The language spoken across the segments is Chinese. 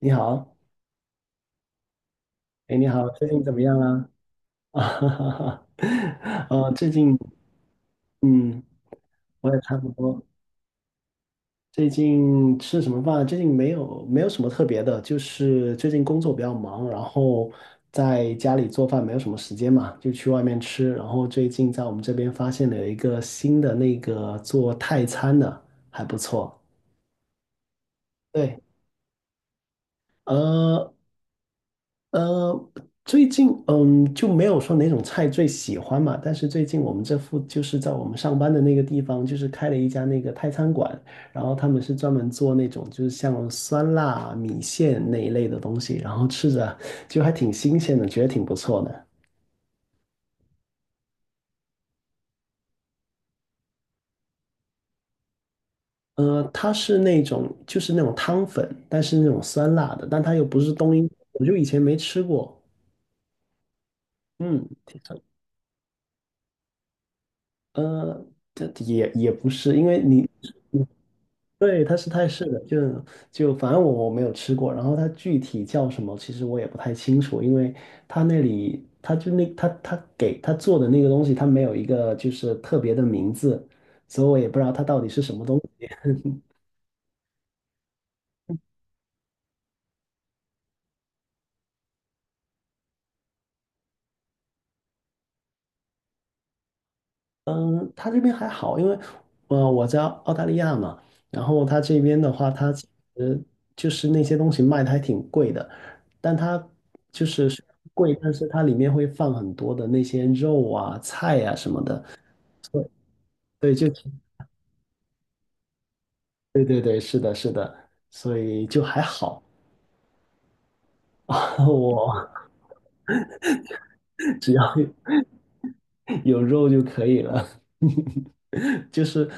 你好。哎，你好，最近怎么样啦？啊，哈哈哈，哦，最近，嗯，我也差不多。最近吃什么饭啊？最近没有什么特别的，就是最近工作比较忙，然后在家里做饭没有什么时间嘛，就去外面吃。然后最近在我们这边发现了有一个新的那个做泰餐的，还不错。对。呃，呃，最近嗯就没有说哪种菜最喜欢嘛，但是最近我们这附就是在我们上班的那个地方，就是开了一家那个泰餐馆，然后他们是专门做那种就是像酸辣米线那一类的东西，然后吃着就还挺新鲜的，觉得挺不错的。呃，它是那种就是那种汤粉，但是那种酸辣的，但它又不是冬阴，我就以前没吃过，嗯。挺呃，这也也不是，因为你对，它是泰式的，就就反正我没有吃过，然后它具体叫什么，其实我也不太清楚，因为它那里它就那它它给它做的那个东西，它没有一个就是特别的名字，所以我也不知道它到底是什么东西。嗯，它这边还好，因为我在澳大利亚嘛，然后它这边的话，它其实就是那些东西卖的还挺贵的，但它就是虽然贵，但是它里面会放很多的那些肉啊、菜啊什么的。对，就所以就还好。我只要有肉就可以了。就是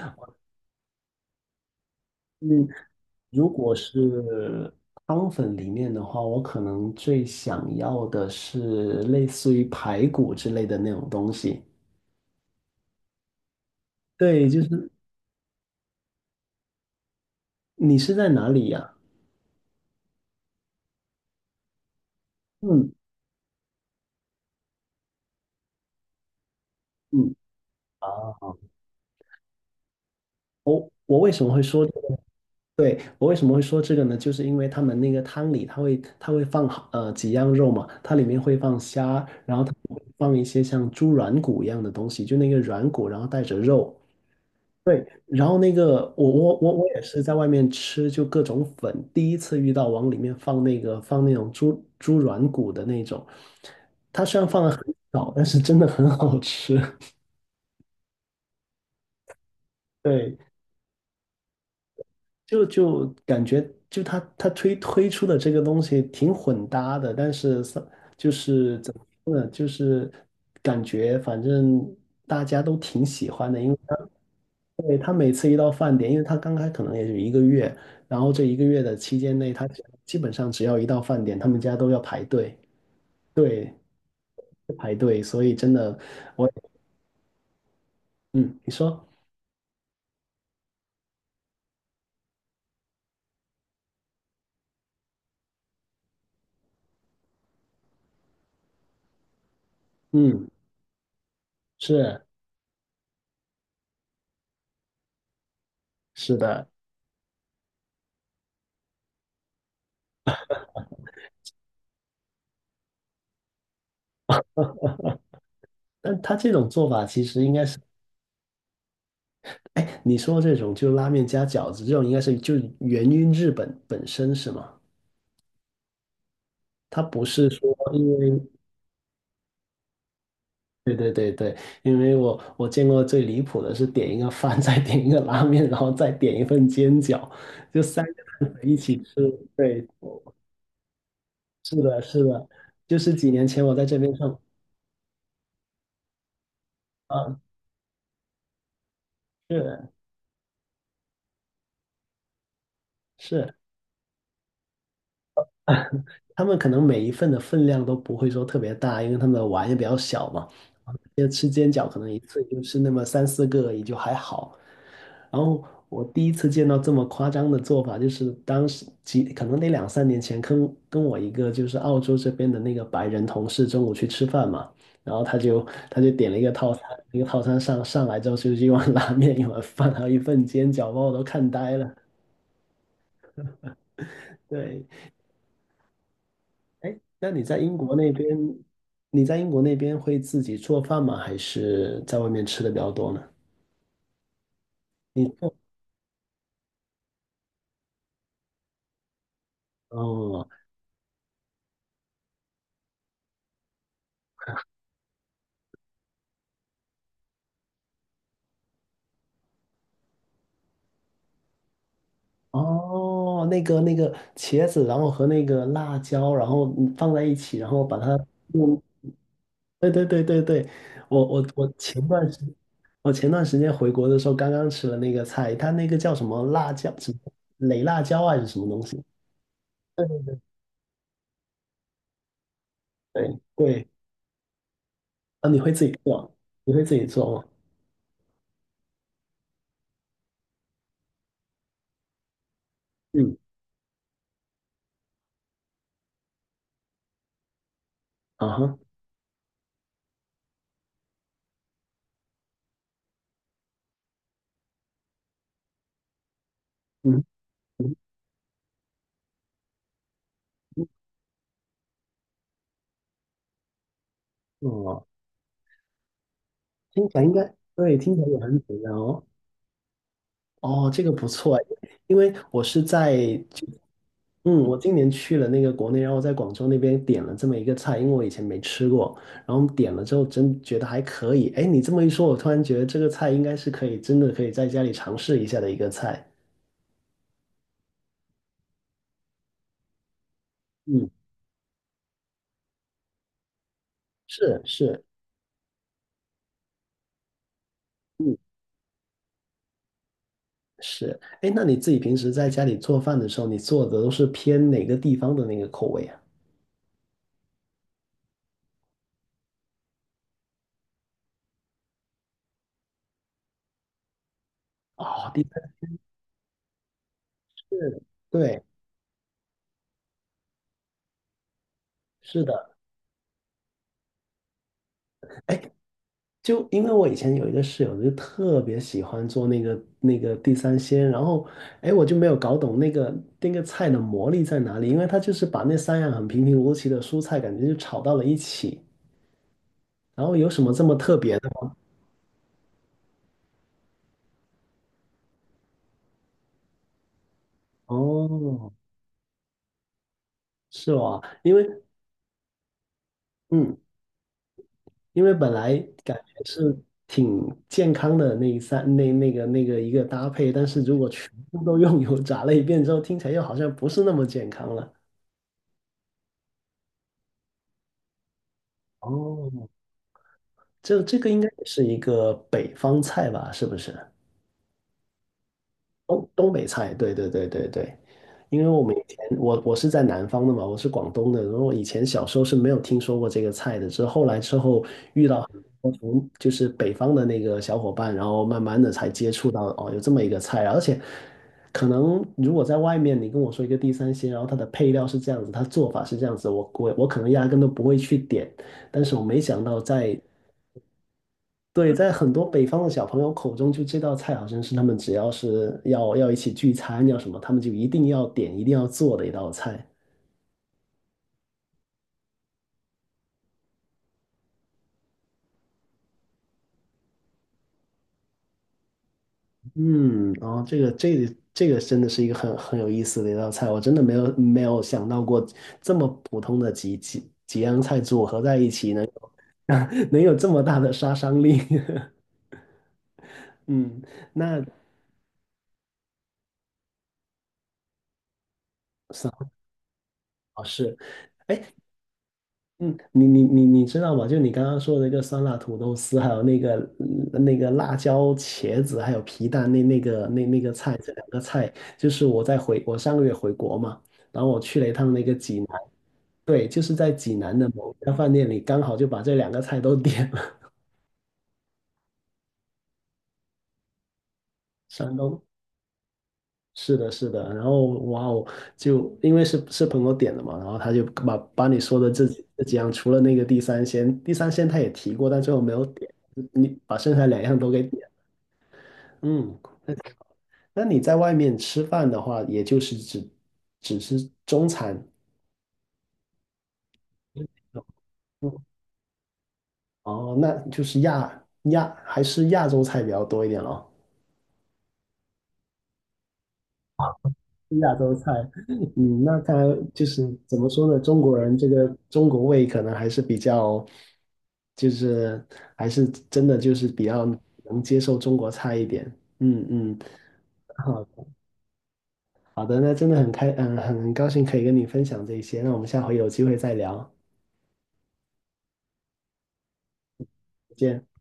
嗯，如果是汤粉里面的话，我可能最想要的是类似于排骨之类的那种东西。对，就是你是在哪里呀？嗯嗯，啊，我为什么会说这个？对，我为什么会说这个呢？就是因为他们那个汤里，它会放好几样肉嘛，它里面会放虾，然后它会放一些像猪软骨一样的东西，就那个软骨，然后带着肉。对，然后那个我也是在外面吃，就各种粉，第一次遇到往里面放那种猪软骨的那种，它虽然放的很少，但是真的很好吃。对。就感觉就他推出的这个东西挺混搭的，但是三就是怎么说呢，就是感觉反正大家都挺喜欢的，因为他对。他每次一到饭点，因为他刚开可能也就一个月，然后这一个月的期间内，他只基本上只要一到饭点，他们家都要排队，所以真的我嗯，你说嗯是是的，但他这种做法其实应该是。哎，你说这种就拉面加饺子，这种应该是就源于日本本身是吗？它不是说因为，对对对对，因为我见过最离谱的是点一个饭，再点一个拉面，然后再点一份煎饺，就三个汉堡一起吃。对，是的，是的，就是几年前我在这边上，啊，是是。他们可能每一份的分量都不会说特别大，因为他们的碗也比较小嘛。就吃煎饺，可能一次就吃那么三四个也就还好。然后我第一次见到这么夸张的做法，就是当时几可能得两三年前，跟我一个就是澳洲这边的那个白人同事中午去吃饭嘛，然后他就点了一个套餐，那个套餐上上来之后就是一碗拉面、一碗饭，还有一份煎饺，把我都看呆了。对。哎，那你在英国那边，你在英国那边会自己做饭吗？还是在外面吃的比较多呢？你做哦，哦，那个那个茄子，然后和那个辣椒，然后嗯放在一起，然后把它用。对对对对对，我前段时我前段时间回国的时候，刚刚吃了那个菜，它那个叫什么辣椒，什么雷辣椒啊还是什么东西？对对对。啊，你会自己做？你会自己做吗？嗯，啊哈，嗯嗯哦，听起来应该对，听起来也很简单哦。哦，这个不错哎，因为我是在就嗯，我今年去了那个国内，然后在广州那边点了这么一个菜，因为我以前没吃过，然后点了之后真觉得还可以。哎，你这么一说，我突然觉得这个菜应该是可以，真的可以在家里尝试一下的一个菜。嗯，是是，嗯是。哎，那你自己平时在家里做饭的时候，你做的都是偏哪个地方的那个口味啊？哦，的确是。对，是的。哎就因为我以前有一个室友，就特别喜欢做那个地三鲜，然后，哎，我就没有搞懂那个菜的魔力在哪里，因为他就是把那三样很平平无奇的蔬菜，感觉就炒到了一起，然后有什么这么特别的吗？哦，是哦，因为嗯，因为本来感觉是挺健康的那一三那个一个搭配，但是如果全部都用油炸了一遍之后，听起来又好像不是那么健康了。哦，这个应该也是一个北方菜吧？是不是？东东北菜，对对对对对。因为我们以前我是在南方的嘛，我是广东的，然后以前小时候是没有听说过这个菜的，是后来之后，我从就是北方的那个小伙伴，然后慢慢的才接触到哦，有这么一个菜啊，而且可能如果在外面你跟我说一个地三鲜，然后它的配料是这样子，它做法是这样子，我可能压根都不会去点，但是我没想到在对，在很多北方的小朋友口中，就这道菜好像是他们只要是要一起聚餐要什么，他们就一定要点、一定要做的一道菜。嗯，然后这个真的是一个很有意思的一道菜，我真的没有想到过这么普通的几样菜组合在一起能能有这么大的杀伤力。嗯，那。是，哎嗯，你知道吗？就你刚刚说的那个酸辣土豆丝，还有那个嗯那个辣椒茄子，还有皮蛋那个菜，这两个菜就是我在回我上个月回国嘛，然后我去了一趟那个济南。对，就是在济南的某家饭店里，刚好就把这两个菜都 点了。山东，是的，是的。然后哇哦，就因为是是朋友点的嘛，然后他就把把你说的这几样，除了那个地三鲜，地三鲜他也提过，但最后没有点。你把剩下两样都给点嗯。那那你在外面吃饭的话，也就是只只是中餐，嗯哦，那就是亚亚还是亚洲菜比较多一点咯。亚洲菜，嗯，那它就是怎么说呢？中国人这个中国胃可能还是比较，就是还是真的就是比较能接受中国菜一点。嗯嗯 好好的，那真的很开，嗯，很高兴可以跟你分享这些。那我们下回有机会再聊，再见。